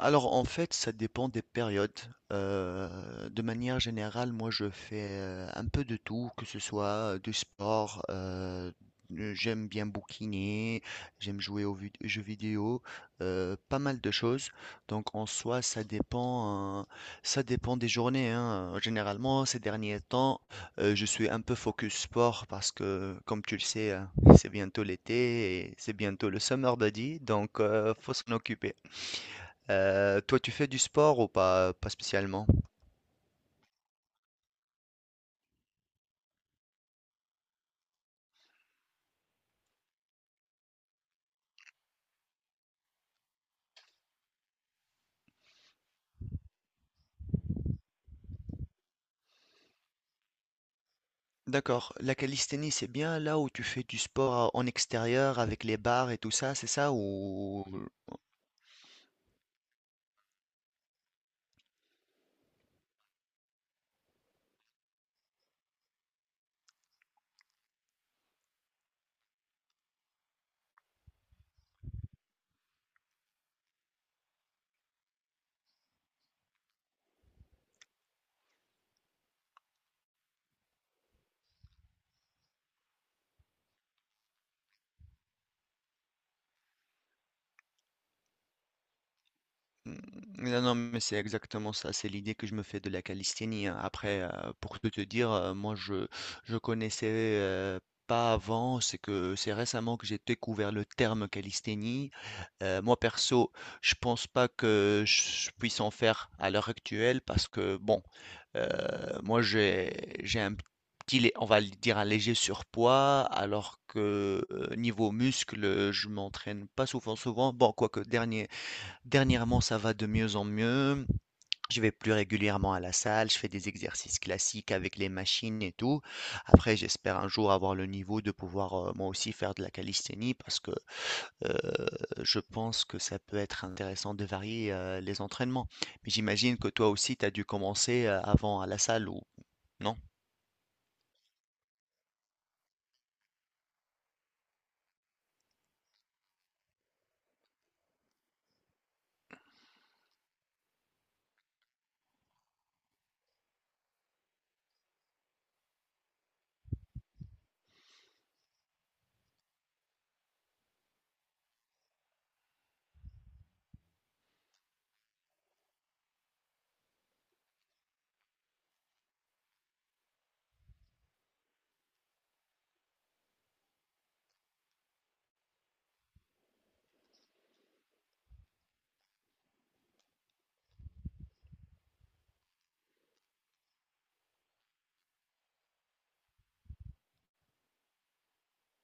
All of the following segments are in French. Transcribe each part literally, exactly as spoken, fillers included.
Alors en fait, ça dépend des périodes. Euh, de manière générale, moi je fais euh, un peu de tout, que ce soit euh, du sport, euh, euh, j'aime bien bouquiner, j'aime jouer aux vid- jeux vidéo, euh, pas mal de choses. Donc en soi, ça dépend, euh, ça dépend des journées, hein. Généralement, ces derniers temps, euh, je suis un peu focus sport parce que, comme tu le sais, hein, c'est bientôt l'été et c'est bientôt le summer body, donc euh, faut s'en occuper. Euh, toi, tu fais du sport ou pas, pas spécialement? D'accord. La calisthénie, c'est bien là où tu fais du sport en extérieur avec les barres et tout ça, c'est ça? Ou mmh, mmh, non, non, mais c'est exactement ça, c'est l'idée que je me fais de la calisthénie, hein. Après, heu, pour tout te dire, heu, moi je je connaissais, heu, pas avant, c'est que c'est récemment que j'ai découvert le terme calisthénie. Heu, moi perso, je pense pas que je puisse en faire à l'heure actuelle parce que bon, heu, moi j'ai j'ai un petit lé on va le dire un léger surpoids alors que, heu, niveau muscles, je m'entraîne pas souvent souvent. Bon quoique dernier Dernièrement, ça va de mieux en mieux. Je vais plus régulièrement à la salle, je fais des exercices classiques avec les machines et tout. Après, j'espère un jour avoir le niveau de pouvoir euh, moi aussi faire de la calisthénie parce que euh, je pense que ça peut être intéressant de varier euh, les entraînements. Mais j'imagine que toi aussi, tu as dû commencer euh, avant à la salle ou non?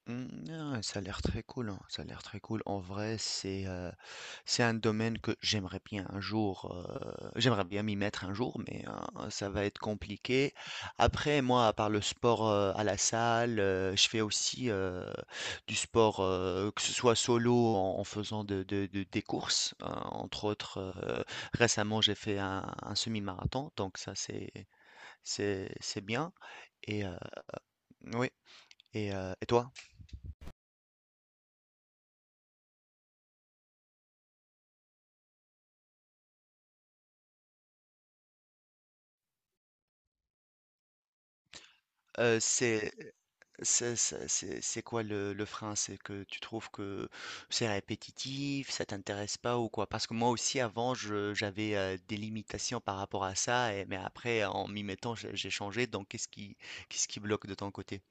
Hmm, ah, ça a l'air très cool, hein. Ça a l'air très cool. En vrai, c'est euh, c'est un domaine que j'aimerais bien un jour, heu, j'aimerais bien m'y mettre un jour, mais heu, ça va être compliqué. Après moi, à part le sport, heu, à la salle, heu, je fais aussi, heu, du sport, heu, que ce soit solo en en faisant de de de des courses, heu, entre autres, heu, récemment j'ai fait un un semi-marathon, donc ça c'est c'est c'est bien et heu, oui et heu et toi? Heu, c'est C'est c'est- c'est- c'est quoi le, le frein? C'est que tu trouves que c'est répétitif, ça t'intéresse pas ou quoi? Parce que moi aussi avant je- j'avais euh, des limitations par rapport à ça, et- mais après en m'y mettant j'ai j'ai changé. Donc qu'est-ce qui qu'est-ce qui bloque de ton côté?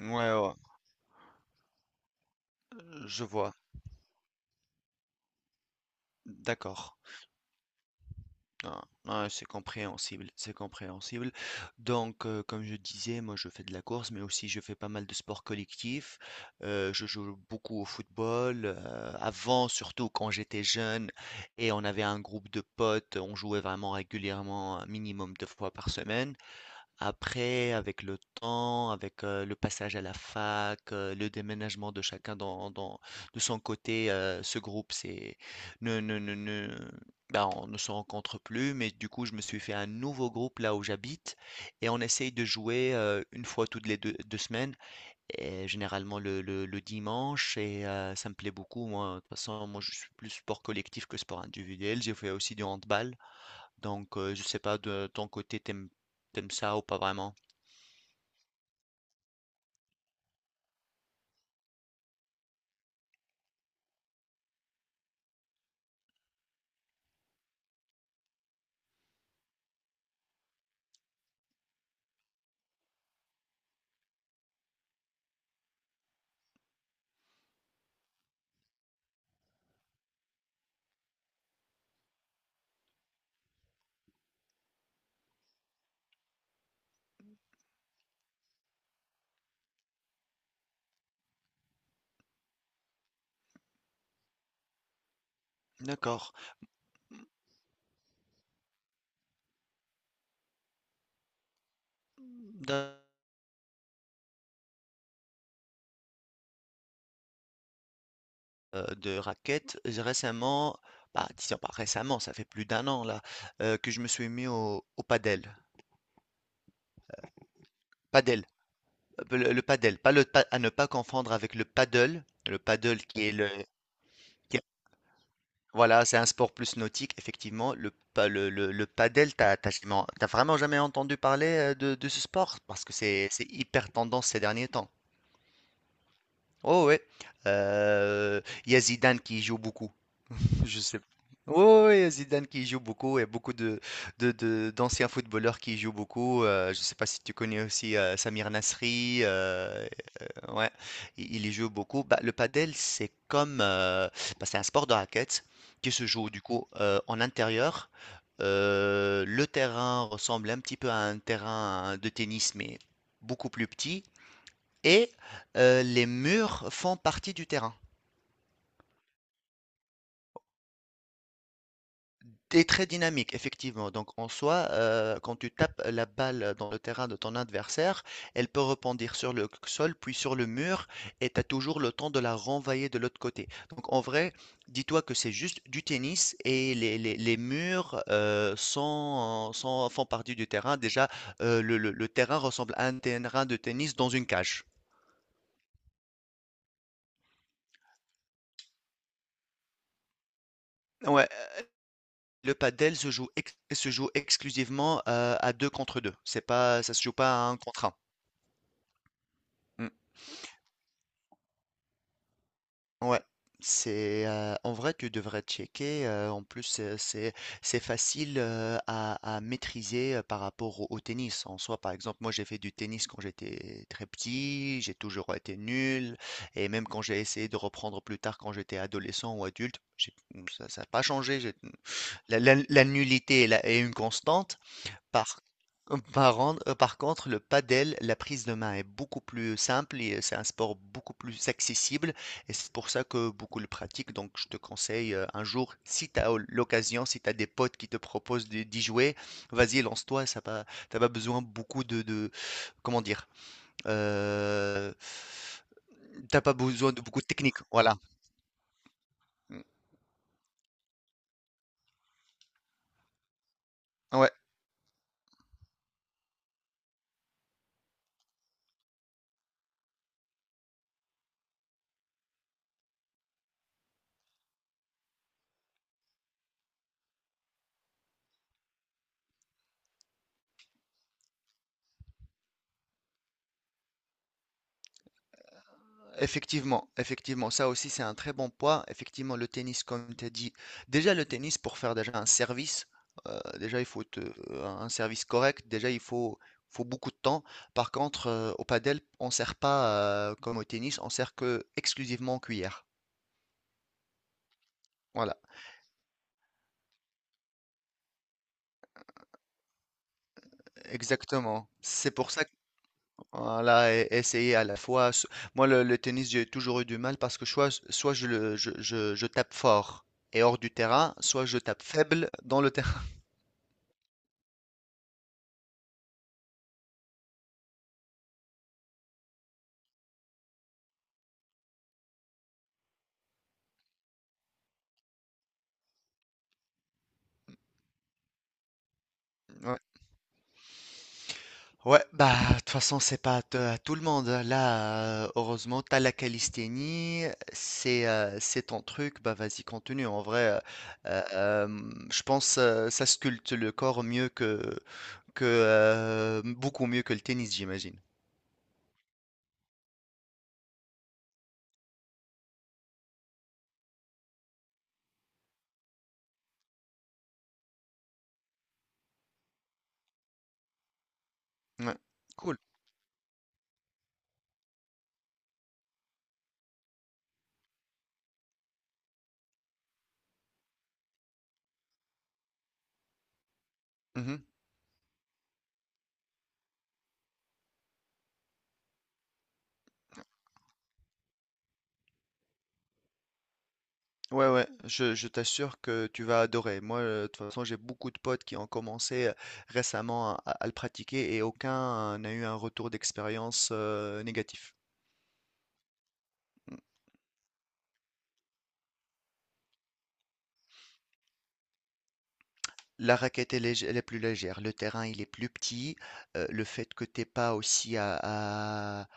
Ouais, ouais, je vois. D'accord. Non, non, c'est compréhensible, c'est compréhensible. Donc, euh, comme je disais, moi je fais de la course, mais aussi je fais pas mal de sports collectifs. Euh, je joue beaucoup au football. Euh, avant, surtout quand j'étais jeune et on avait un groupe de potes, on jouait vraiment régulièrement, un minimum deux fois par semaine. Après, avec le temps, avec euh, le passage à la fac, euh, le déménagement de chacun dans, dans- de son côté, euh, ce groupe, c'est, ne, ne, ne, ne- ben, on ne se rencontre plus. Mais du coup, je me suis fait un nouveau groupe là où j'habite et on essaye de jouer euh, une fois toutes les deux, deux semaines, et généralement le, le- le dimanche. Et euh, ça me plaît beaucoup. Moi, de toute façon, moi, je suis plus sport collectif que sport individuel. J'ai fait aussi du handball. Donc, euh, je sais pas de ton côté, t'aimes, t'aimes ça ou pas vraiment? D'accord. D'un heu, De raquettes, j'ai récemment, bah, disons pas récemment, ça fait plus d'un an là, heu, que je me suis mis au au padel. Padel, heu, le le padel, pas le pa, à ne pas confondre avec le paddle. Le paddle qui est le qui est voilà, c'est un sport plus nautique effectivement. Le pa le le le padel, t'as as tu as vraiment jamais entendu parler, heu, de de ce sport? Parce que c'est c'est hyper tendance ces derniers temps. Oh ouais, heu, il y a Zidane qui y joue beaucoup. Je sais. Oui, Zidane qui joue beaucoup et beaucoup de, de, de- d'anciens footballeurs qui jouent beaucoup. Euh, je ne sais pas si tu connais aussi euh, Samir Nasri. Euh, euh, ouais, il, il y joue beaucoup. Bah, le padel, c'est comme, euh, bah, c'est un sport de raquette qui se joue du coup euh, en intérieur. Euh, le terrain ressemble un petit peu à un terrain de tennis, mais beaucoup plus petit. Et euh, les murs font partie du terrain. Tu Très dynamique, effectivement. Donc, en soi, euh, quand tu tapes la balle dans le terrain de ton adversaire, elle peut rebondir sur le sol, puis sur le mur, et tu as toujours le temps de la renvoyer de l'autre côté. Donc, en vrai, dis-toi que c'est juste du tennis et les, les- les murs euh, sont, sont- font partie du terrain. Déjà, euh, le, le- le terrain ressemble à un terrain de tennis dans une cage. Ouais, le padel se joue, ex- se joue exclusivement euh, à deux contre deux. C'est pas, ça se joue pas à un contre un. Ouais, c'est euh, en vrai tu devrais checker. Euh, en plus euh, c'est c'est facile euh, à, à maîtriser euh, par rapport au, au tennis en soi. Par exemple, moi j'ai fait du tennis quand j'étais très petit, j'ai toujours été nul et même quand j'ai essayé de reprendre plus tard quand j'étais adolescent ou adulte, j'ai- ça ça n'a pas changé. j'ai- La, la- la nullité est, la- est une constante. Par par en euh, par contre, le padel, la prise de main est beaucoup plus simple et euh, c'est un sport beaucoup plus accessible et c'est pour ça que beaucoup le pratiquent. Donc, je te conseille euh, un jour, si tu as l'occasion, si tu as des potes qui te proposent de- d'y jouer, vas-y, lance-toi. Ça pas, t'as pas besoin beaucoup de, de- comment dire, euh, t'as pas besoin de beaucoup de technique. Voilà. Ouais. Effectivement, effectivement, ça aussi c'est un très bon point. Effectivement, le tennis, comme tu as dit, déjà le tennis pour faire déjà un service, euh, déjà il faut te- euh, un service correct, déjà il faut, faut beaucoup de temps. Par contre, euh, au padel, on sert pas euh, comme au tennis, on sert que exclusivement en cuillère. Voilà, exactement. C'est pour ça que voilà, e- essayer à la fois. s- Moi, le, le tennis, j'ai toujours eu du mal parce que soit, soit je, le- je, je je tape fort et hors du terrain, soit je tape faible dans le terrain. Ouais. Ouais, bah, de toute façon, c'est pas à t- à tout le monde, hein. Là, euh, heureusement, t'as la calisthénie, c'est euh, c'est ton truc, bah vas-y, continue. En vrai, euh, euh, euh, je pense euh, ça sculpte le corps mieux que, que euh, beaucoup mieux que le tennis, j'imagine. Ouais, cool. Mhm. Ouais, ouais, je, je t'assure que tu vas adorer. Moi, euh, de toute façon, j'ai beaucoup de potes qui ont commencé euh, récemment à, à- le pratiquer et aucun n'a eu un retour d'expérience euh, négatif. La raquette elle est lég elle est plus légère, le terrain il est plus petit, heu, le fait que tu aies pas aussi à à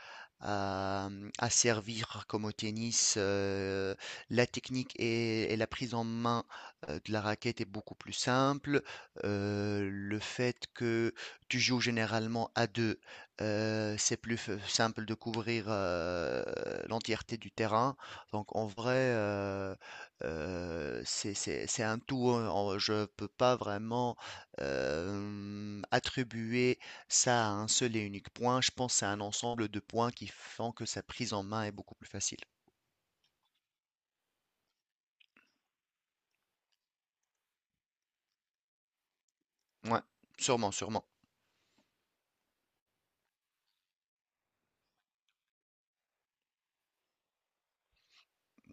à, mmh, à servir comme au tennis, heu, la technique et et la prise en main, heu, de la raquette est beaucoup plus simple. Heu, le fait que tu joues généralement à deux, heu, c'est plus f simple de couvrir, heu, l'entièreté du terrain. Donc en vrai, heu euh, c'est, c'est, c'est un tout, hein. On- Je ne peux pas vraiment euh, attribuer ça à un seul et unique point. Je pense que c'est un ensemble de points qui font que sa prise en main est beaucoup plus facile. Ouais, sûrement, sûrement.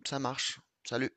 Ça marche. Salut.